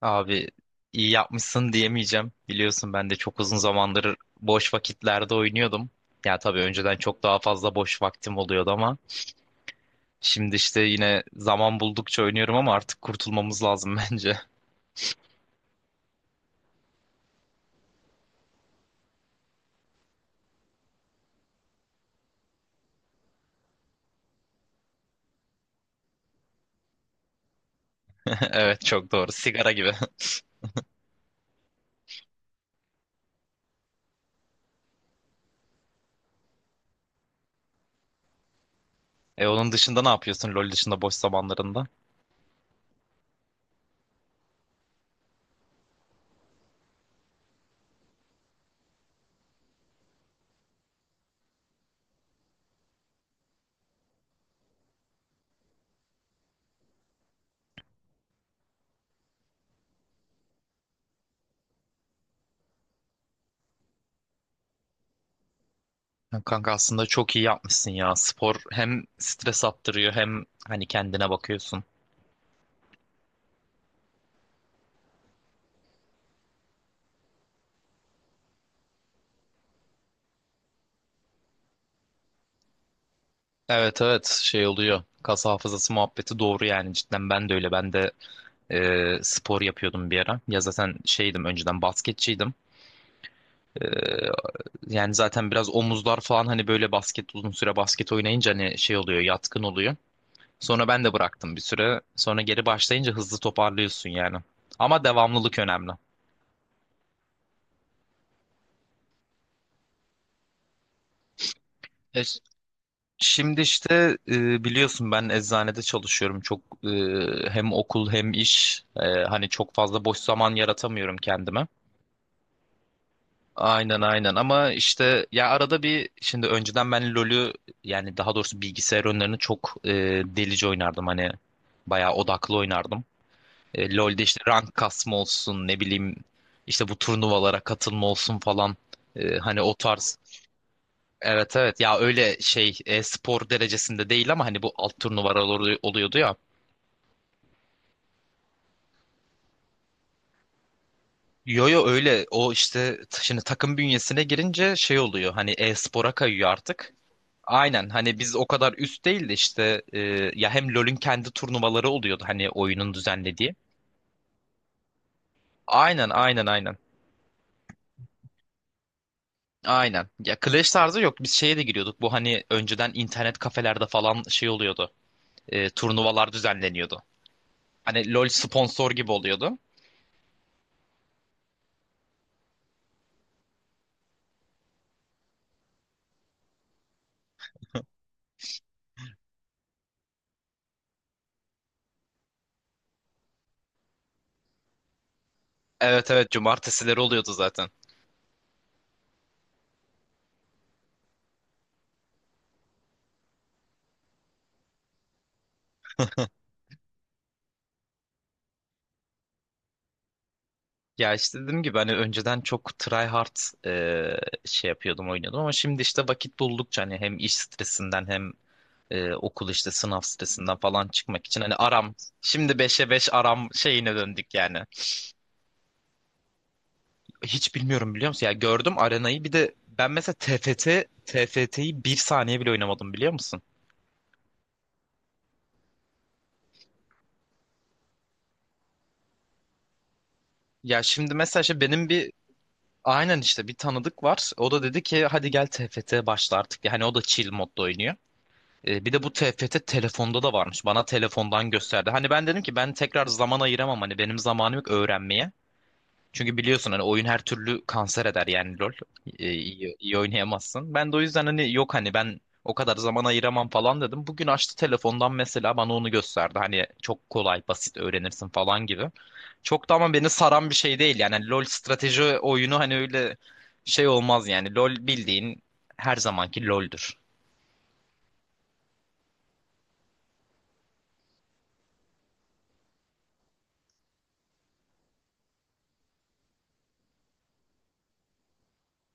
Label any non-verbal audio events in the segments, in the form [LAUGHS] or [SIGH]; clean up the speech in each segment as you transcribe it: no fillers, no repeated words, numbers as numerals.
Abi iyi yapmışsın diyemeyeceğim. Biliyorsun ben de çok uzun zamandır boş vakitlerde oynuyordum. Ya tabii önceden çok daha fazla boş vaktim oluyordu ama şimdi işte yine zaman buldukça oynuyorum ama artık kurtulmamız lazım bence. [LAUGHS] Evet, çok doğru. Sigara gibi. [LAUGHS] E, onun dışında ne yapıyorsun LoL dışında boş zamanlarında? Ya kanka aslında çok iyi yapmışsın ya. Spor hem stres attırıyor hem hani kendine bakıyorsun. Evet, evet, şey oluyor. Kas hafızası muhabbeti doğru yani, cidden ben de öyle. Ben de spor yapıyordum bir ara. Ya zaten şeydim, önceden basketçiydim. Ee, yani zaten biraz omuzlar falan, hani böyle basket uzun süre basket oynayınca hani şey oluyor, yatkın oluyor. Sonra ben de bıraktım bir süre. Sonra geri başlayınca hızlı toparlıyorsun yani. Ama devamlılık önemli. E, ş- şimdi işte biliyorsun ben eczanede çalışıyorum. Çok hem okul hem iş, hani çok fazla boş zaman yaratamıyorum kendime. Aynen, aynen, ama işte ya arada bir, şimdi önceden ben LoL'ü, yani daha doğrusu bilgisayar oyunlarını çok delice oynardım, hani bayağı odaklı oynardım. LoL'de işte rank kasma olsun, ne bileyim işte bu turnuvalara katılma olsun falan. Hani o tarz. Evet, evet, ya öyle şey, spor derecesinde değil ama hani bu alt turnuvalar oluyordu ya. Yo yo, öyle o işte şimdi takım bünyesine girince şey oluyor hani, e-spora kayıyor artık. Aynen, hani biz o kadar üst değil de işte ya hem LoL'ün kendi turnuvaları oluyordu, hani oyunun düzenlediği. Aynen, aynen, aynen. Aynen. Ya Clash tarzı yok, biz şeye de giriyorduk, bu hani önceden internet kafelerde falan şey oluyordu. Turnuvalar düzenleniyordu. Hani LoL sponsor gibi oluyordu. Evet evet, cumartesileri oluyordu zaten. Ya işte dediğim gibi hani önceden çok try hard e, şey yapıyordum, oynuyordum ama şimdi işte vakit buldukça hani hem iş stresinden hem okul işte sınav stresinden falan çıkmak için hani aram, şimdi beşe 5 aram şeyine döndük yani. Hiç bilmiyorum, biliyor musun? Ya gördüm arenayı, bir de ben mesela TFT, TFT'yi bir saniye bile oynamadım biliyor musun? Ya şimdi mesela işte benim bir, aynen işte bir tanıdık var. O da dedi ki hadi gel TFT başla artık. Yani o da chill modda oynuyor. Bir de bu TFT telefonda da varmış. Bana telefondan gösterdi. Hani ben dedim ki ben tekrar zaman ayıramam. Hani benim zamanım yok öğrenmeye. Çünkü biliyorsun hani oyun her türlü kanser eder yani, LOL. İyi oynayamazsın. Ben de o yüzden hani yok, hani ben o kadar zaman ayıramam falan dedim. Bugün açtı telefondan mesela, bana onu gösterdi. Hani çok kolay, basit öğrenirsin falan gibi. Çok da ama beni saran bir şey değil. Yani LOL strateji oyunu, hani öyle şey olmaz yani. LOL bildiğin her zamanki LOL'dür.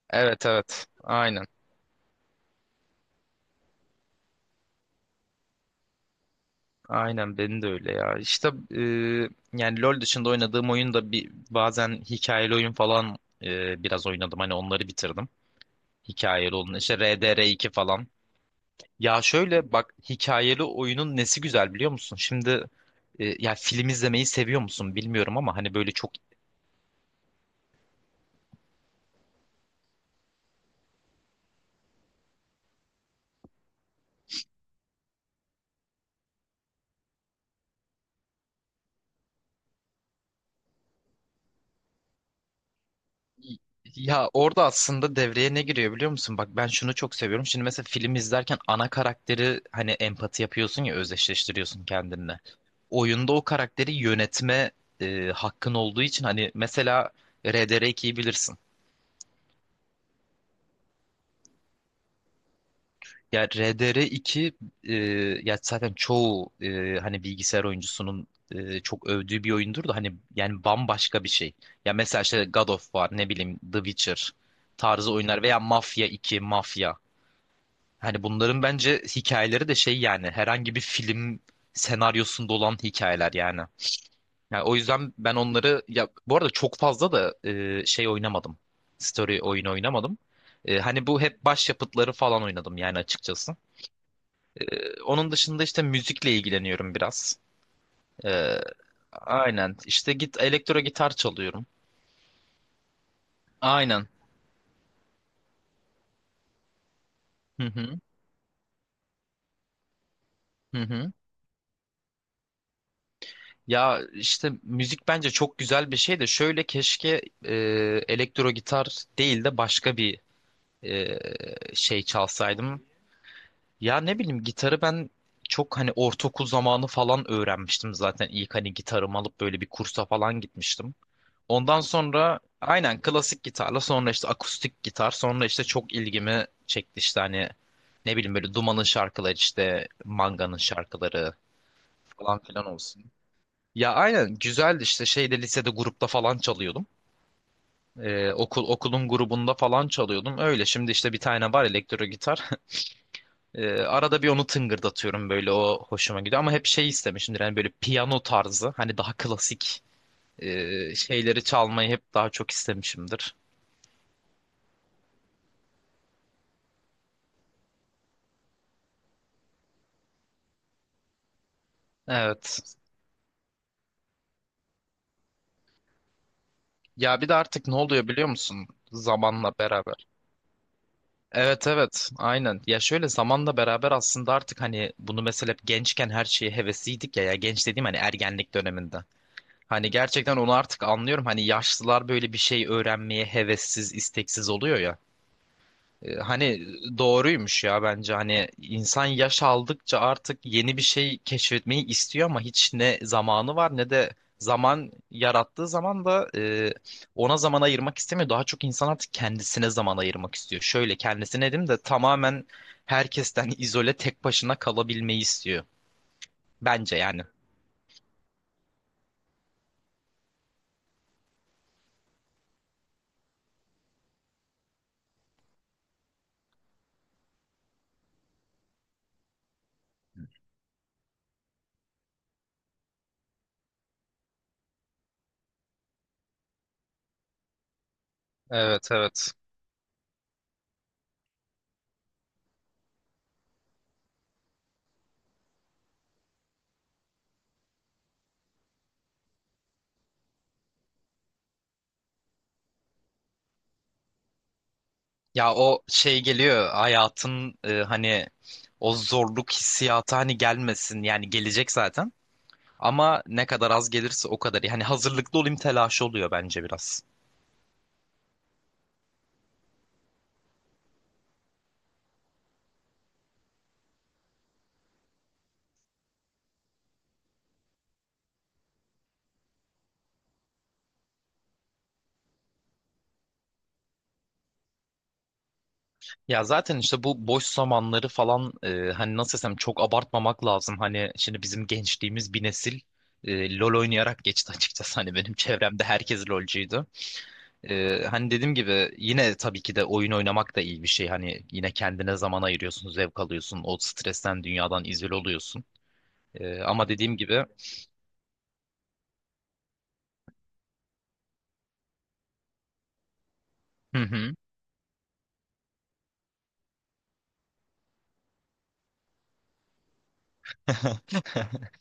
Evet, evet. Aynen. Aynen, benim de öyle ya. İşte e, yani LoL dışında oynadığım oyun da bir, bazen hikayeli oyun falan biraz oynadım. Hani onları bitirdim. Hikayeli olun. İşte RDR2 falan. Ya şöyle bak, hikayeli oyunun nesi güzel biliyor musun? Şimdi ya film izlemeyi seviyor musun bilmiyorum ama hani böyle çok. Ya orada aslında devreye ne giriyor biliyor musun? Bak, ben şunu çok seviyorum. Şimdi mesela film izlerken ana karakteri hani empati yapıyorsun ya, özdeşleştiriyorsun kendinle. Oyunda o karakteri yönetme hakkın olduğu için hani mesela RDR2'yi bilirsin. Ya RDR2 e, ya zaten çoğu hani bilgisayar oyuncusunun çok övdüğü bir oyundur da, hani yani bambaşka bir şey. Ya mesela işte God of War, ne bileyim The Witcher tarzı oyunlar veya Mafya 2, Mafya. Hani bunların bence hikayeleri de şey yani, herhangi bir film senaryosunda olan hikayeler yani. Yani o yüzden ben onları, ya bu arada çok fazla da şey oynamadım. Story oyunu oynamadım. Hani bu hep başyapıtları falan oynadım yani açıkçası. Onun dışında işte müzikle ilgileniyorum biraz. E, aynen işte elektro gitar çalıyorum. Aynen. Hı hı. Hı hı. Ya işte müzik bence çok güzel bir şey de, şöyle keşke elektro gitar değil de başka bir e, şey çalsaydım. Ya ne bileyim, gitarı ben çok hani ortaokul zamanı falan öğrenmiştim zaten, ilk hani gitarımı alıp böyle bir kursa falan gitmiştim. Ondan sonra aynen klasik gitarla, sonra işte akustik gitar, sonra işte çok ilgimi çekti işte hani, ne bileyim böyle Duman'ın şarkıları, işte Manga'nın şarkıları falan filan olsun. Ya aynen, güzeldi işte şeyde, lisede grupta falan çalıyordum. Okulun grubunda falan çalıyordum. Öyle, şimdi işte bir tane var elektro gitar. [LAUGHS] Arada bir onu tıngırdatıyorum böyle, o hoşuma gidiyor. Ama hep şey istemişimdir yani, böyle piyano tarzı hani daha klasik şeyleri çalmayı hep daha çok istemişimdir. Evet. Ya bir de artık ne oluyor biliyor musun? Zamanla beraber. Evet, evet, aynen. Ya şöyle, zamanla beraber aslında artık hani bunu mesela, hep gençken her şeye hevesliydik ya. Ya genç dediğim hani ergenlik döneminde. Hani gerçekten onu artık anlıyorum. Hani yaşlılar böyle bir şey öğrenmeye hevessiz, isteksiz oluyor ya. Hani doğruymuş ya bence. Hani insan yaş aldıkça artık yeni bir şey keşfetmeyi istiyor ama hiç ne zamanı var ne de zaman, yarattığı zaman da ona zaman ayırmak istemiyor. Daha çok insan artık kendisine zaman ayırmak istiyor. Şöyle kendisine dedim de, tamamen herkesten izole, tek başına kalabilmeyi istiyor. Bence yani. Evet, evet. Ya o şey geliyor hayatın, hani o zorluk hissiyatı, hani gelmesin yani, gelecek zaten ama ne kadar az gelirse o kadar iyi. Hani hazırlıklı olayım telaşı oluyor bence biraz. Ya zaten işte bu boş zamanları falan hani nasıl desem, çok abartmamak lazım. Hani şimdi bizim gençliğimiz bir nesil LOL oynayarak geçti açıkçası. Hani benim çevremde herkes LOLcuydu. Hani dediğim gibi yine tabii ki de oyun oynamak da iyi bir şey. Hani yine kendine zaman ayırıyorsun, zevk alıyorsun, o stresten, dünyadan izole oluyorsun. Ama dediğim gibi, hı hı. [LAUGHS]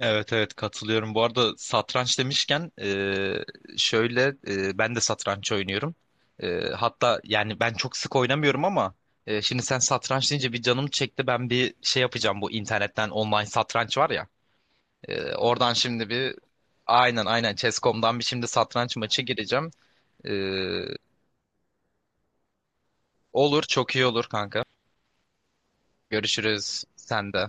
Evet, evet, katılıyorum. Bu arada satranç demişken şöyle ben de satranç oynuyorum. Hatta yani ben çok sık oynamıyorum ama şimdi sen satranç deyince bir canım çekti. Ben bir şey yapacağım, bu internetten online satranç var ya. Oradan şimdi bir, aynen aynen Chess.com'dan bir şimdi satranç maçı gireceğim. Ee, olur, çok iyi olur kanka. Görüşürüz, sen de.